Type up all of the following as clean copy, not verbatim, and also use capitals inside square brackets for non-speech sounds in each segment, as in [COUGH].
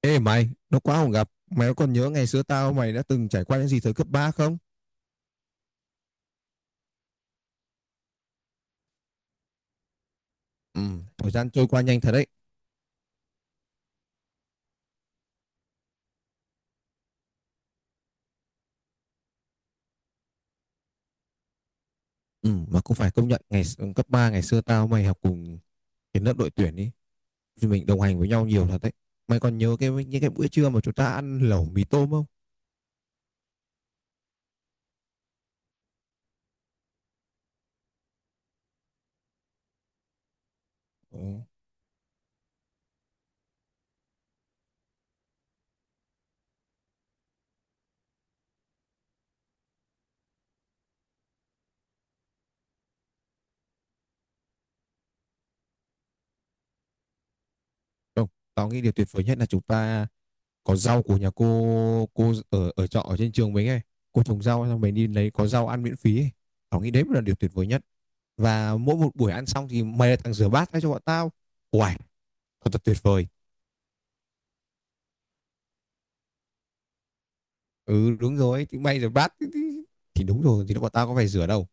Ê mày, nó quá không gặp. Mày có còn nhớ ngày xưa tao mày đã từng trải qua những gì thời cấp 3 không? Ừ, thời gian trôi qua nhanh thật đấy. Ừ, mà cũng phải công nhận cấp 3 ngày xưa tao mày học cùng cái lớp đội tuyển đi. Thì mình đồng hành với nhau nhiều thật đấy. Mày còn nhớ những cái bữa trưa mà chúng ta ăn lẩu mì tôm không? Ừ. Không, tao nghĩ điều tuyệt vời nhất là chúng ta có rau của nhà cô ở ở trọ ở trên trường mình ấy. Cô trồng rau xong mình đi lấy có rau ăn miễn phí ấy. Tao nghĩ đấy mới là điều tuyệt vời nhất. Và mỗi một buổi ăn xong thì mày là thằng rửa bát thay cho bọn tao. Uầy, thật tuyệt vời. Ừ, đúng rồi thì mày rửa bát thì, đúng rồi thì bọn tao có phải rửa đâu.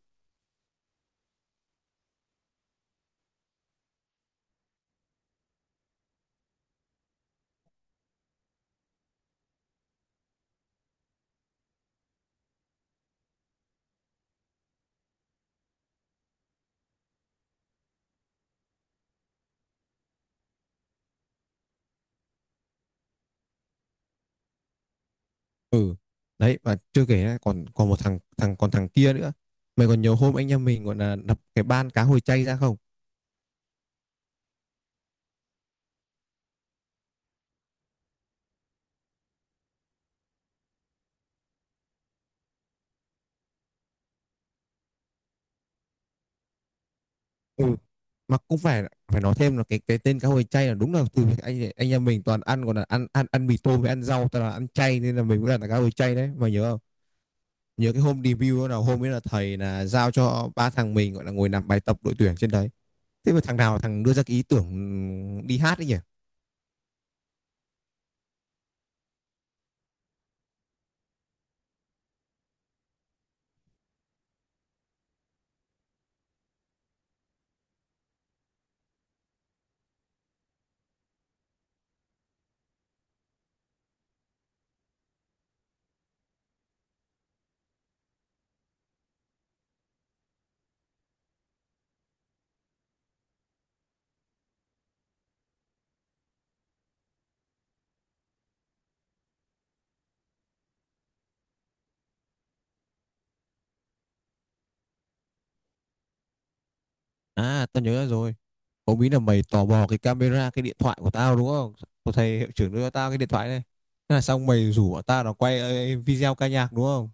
Ừ, đấy, và chưa kể còn còn một thằng thằng còn thằng kia nữa. Mày còn nhớ hôm anh em mình gọi là đập cái ban cá hồi chay ra không? Ừ, mà cũng phải phải nói thêm là cái tên cá hồi chay là đúng là từ anh em mình toàn ăn, còn là ăn ăn ăn mì tôm với ăn rau, toàn là ăn chay nên là mình cũng là cá hồi chay đấy, mày nhớ không? Nhớ cái hôm debut đó nào, hôm ấy là thầy là giao cho ba thằng mình gọi là ngồi làm bài tập đội tuyển trên đấy, thế mà thằng nào đưa ra cái ý tưởng đi hát đấy nhỉ? À, tao nhớ rồi. Hôm ấy là mày tò mò cái camera cái điện thoại của tao đúng không? Xong thầy hiệu trưởng đưa cho tao cái điện thoại này, thế là xong mày rủ bọn tao là quay video ca nhạc đúng không?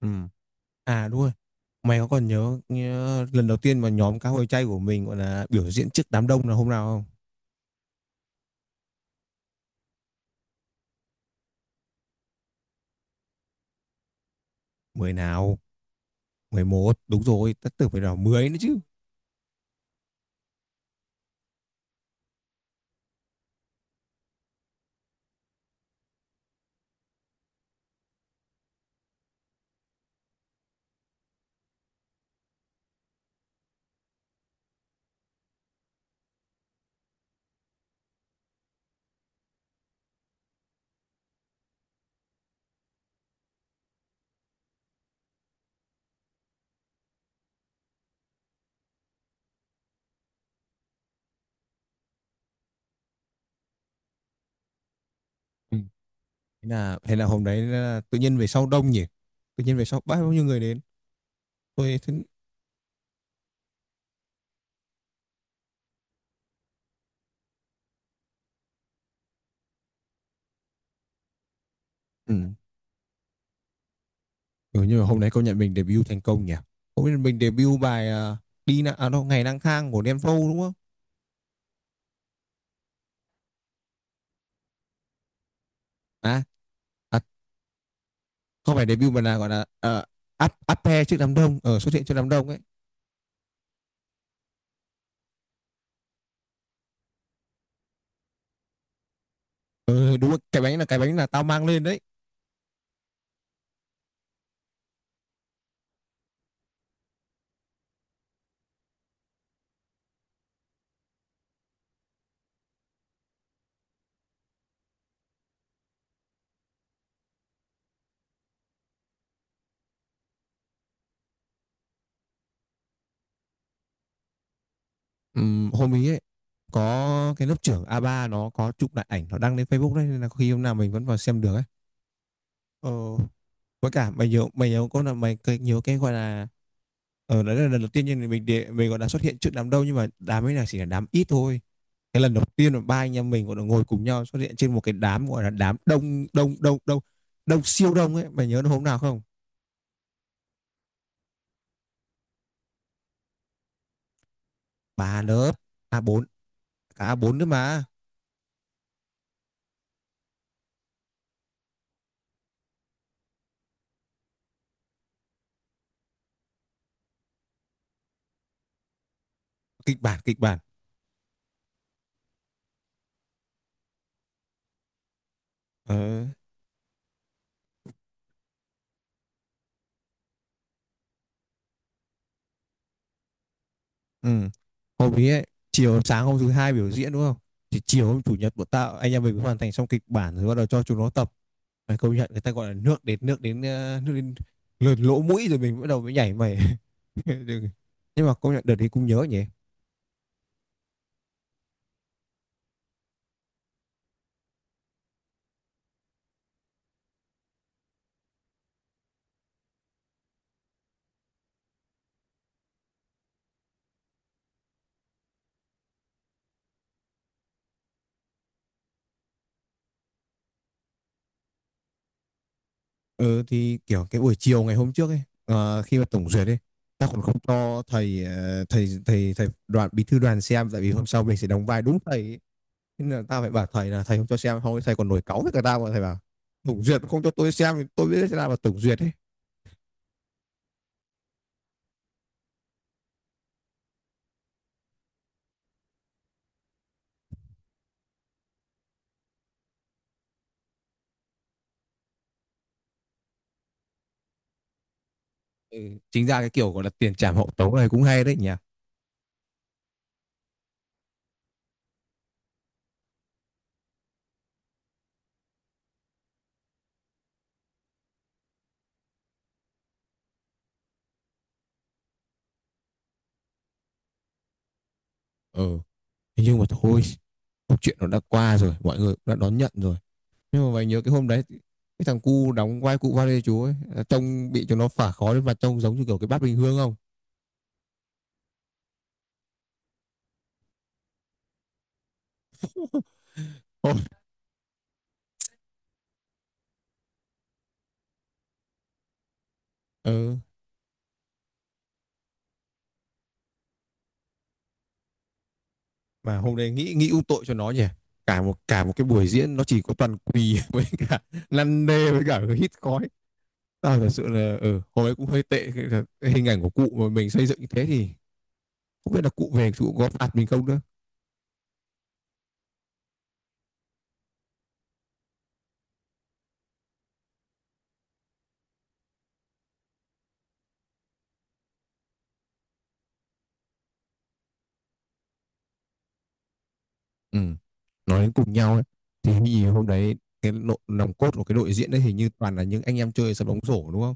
Ừ. À, đúng rồi, mày có còn nhớ lần đầu tiên mà nhóm cá hồi chay của mình gọi là biểu diễn trước đám đông là hôm nào không? Mười nào? Mười một, đúng rồi, tất tưởng phải là 10 nữa chứ. Ừ. Thế là hôm đấy là tự nhiên về sau đông nhỉ, tự nhiên về sau bao nhiêu người đến, tôi thấy. Ừ. Ừ, nhưng mà hôm đấy công nhận mình debut thành công nhỉ. Hôm nay mình debut bài à, đi na à, đâu ngày lang thang của Đen Vâu đúng không? À, à không phải debut mà là gọi là áp áp pe trước đám đông, ở xuất hiện trước đám đông ấy. Ừ, đúng rồi. Cái bánh là cái bánh là tao mang lên đấy. Hôm ý ấy có cái lớp trưởng a ba nó có chụp lại ảnh, nó đăng lên Facebook đấy nên là khi hôm nào mình vẫn vào xem được ấy. ờ, với cả mày nhớ có là mày cái- nhớ cái gọi là. Ờ, đấy là lần đầu tiên nhưng mình để, mình còn đã xuất hiện trước đám đông nhưng mà đám ấy là chỉ là đám ít thôi. Cái lần đầu tiên là ba anh em mình còn được ngồi cùng nhau xuất hiện trên một cái đám gọi là đám đông đông đông đông đông siêu đông ấy. Mày nhớ nó hôm nào không? Ba lớp a bốn, cả a bốn nữa mà. Kịch bản, kịch bản. Ờ. Ừ. Hôm ý ấy, chiều sáng hôm thứ hai biểu diễn đúng không? Thì chiều hôm chủ nhật bọn tao anh em mình mới hoàn thành xong kịch bản rồi bắt đầu cho chúng nó tập. Mày công nhận người ta gọi là nước đến lượn lỗ mũi rồi mình bắt đầu mới nhảy mày. [LAUGHS] Đừng- Nhưng mà công nhận đợt đấy cũng nhớ nhỉ. Ừ thì kiểu cái buổi chiều ngày hôm trước ấy khi mà tổng duyệt ấy, ta còn không cho thầy thầy đoàn, bí thư đoàn xem tại vì hôm sau mình sẽ đóng vai đúng thầy ấy. Thế nên là tao phải bảo thầy là thầy không cho xem, không thầy còn nổi cáu với cả tao mà thầy bảo tổng duyệt không cho tôi xem thì tôi biết thế nào là tổng duyệt ấy. Ừ. Chính ra cái kiểu gọi là tiền trảm hậu tấu này cũng hay đấy nhỉ. Ừ, nhưng mà thôi, câu chuyện nó đã qua rồi, mọi người đã đón nhận rồi. Nhưng mà mày nhớ cái hôm đấy, cái thằng cu đóng vai cụ Vale chú ấy à, trông bị cho nó phả khói lên mặt trông giống như kiểu cái bát bình hương không? [LAUGHS] Ừ. Mà hôm đấy nghĩ nghĩ u tội cho nó nhỉ, cả một cái buổi diễn nó chỉ có toàn quỳ [LAUGHS] với cả lăn nê với cả hít khói. À, thật sự là ừ, hồi ấy cũng hơi tệ cái hình ảnh của cụ mà mình xây dựng như thế thì không biết là cụ về cụ có phạt mình không nữa. Ừ. Nói đến cùng nhau ấy, thì hình như hôm đấy cái lộ, nòng cốt của cái đội diễn đấy hình như toàn là những anh em chơi sập bóng rổ đúng không?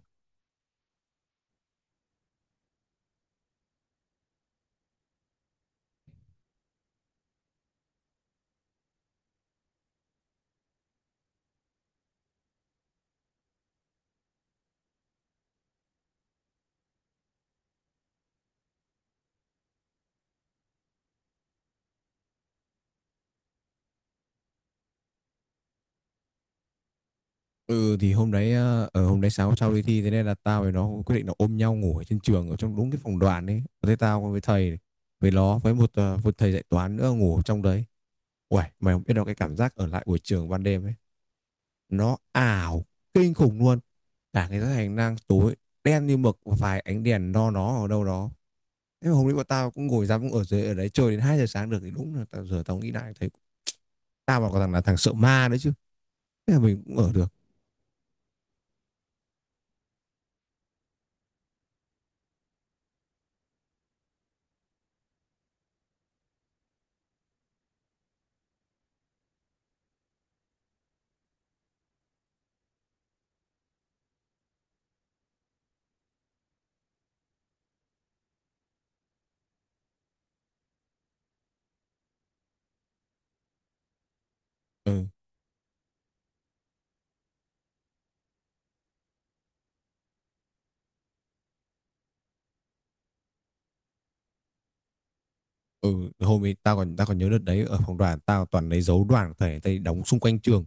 Ừ thì hôm đấy sáng sau đi thi thế nên là tao với nó quyết định là ôm nhau ngủ ở trên trường ở trong đúng cái phòng đoàn ấy, thế tao với thầy với nó với một thầy dạy toán nữa ngủ trong đấy. Uầy, mày không biết đâu cái cảm giác ở lại buổi trường ban đêm ấy, nó ảo kinh khủng luôn. Cả cái hành lang tối đen như mực và vài ánh đèn no nó ở đâu đó, thế mà hôm nay bọn tao cũng ngồi dám cũng ở dưới ở đấy chơi đến 2 giờ sáng được thì đúng là tao giờ tao nghĩ lại thấy tao mà còn thằng sợ ma đấy chứ, thế là mình cũng ở được. Ừ. Ừ hôm ấy tao còn nhớ đợt đấy ở phòng đoàn tao toàn lấy dấu đoàn thể tây đóng xung quanh trường.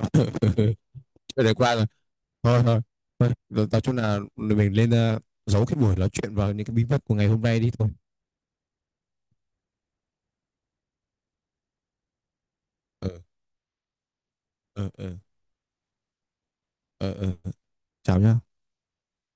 [LAUGHS] Chuyện đấy qua rồi, thôi thôi, rồi tao chung là mình lên giấu cái buổi nói chuyện vào những cái bí mật của ngày hôm nay đi thôi. Ừ. ừ ừ ừ, ừ. Chào nhá.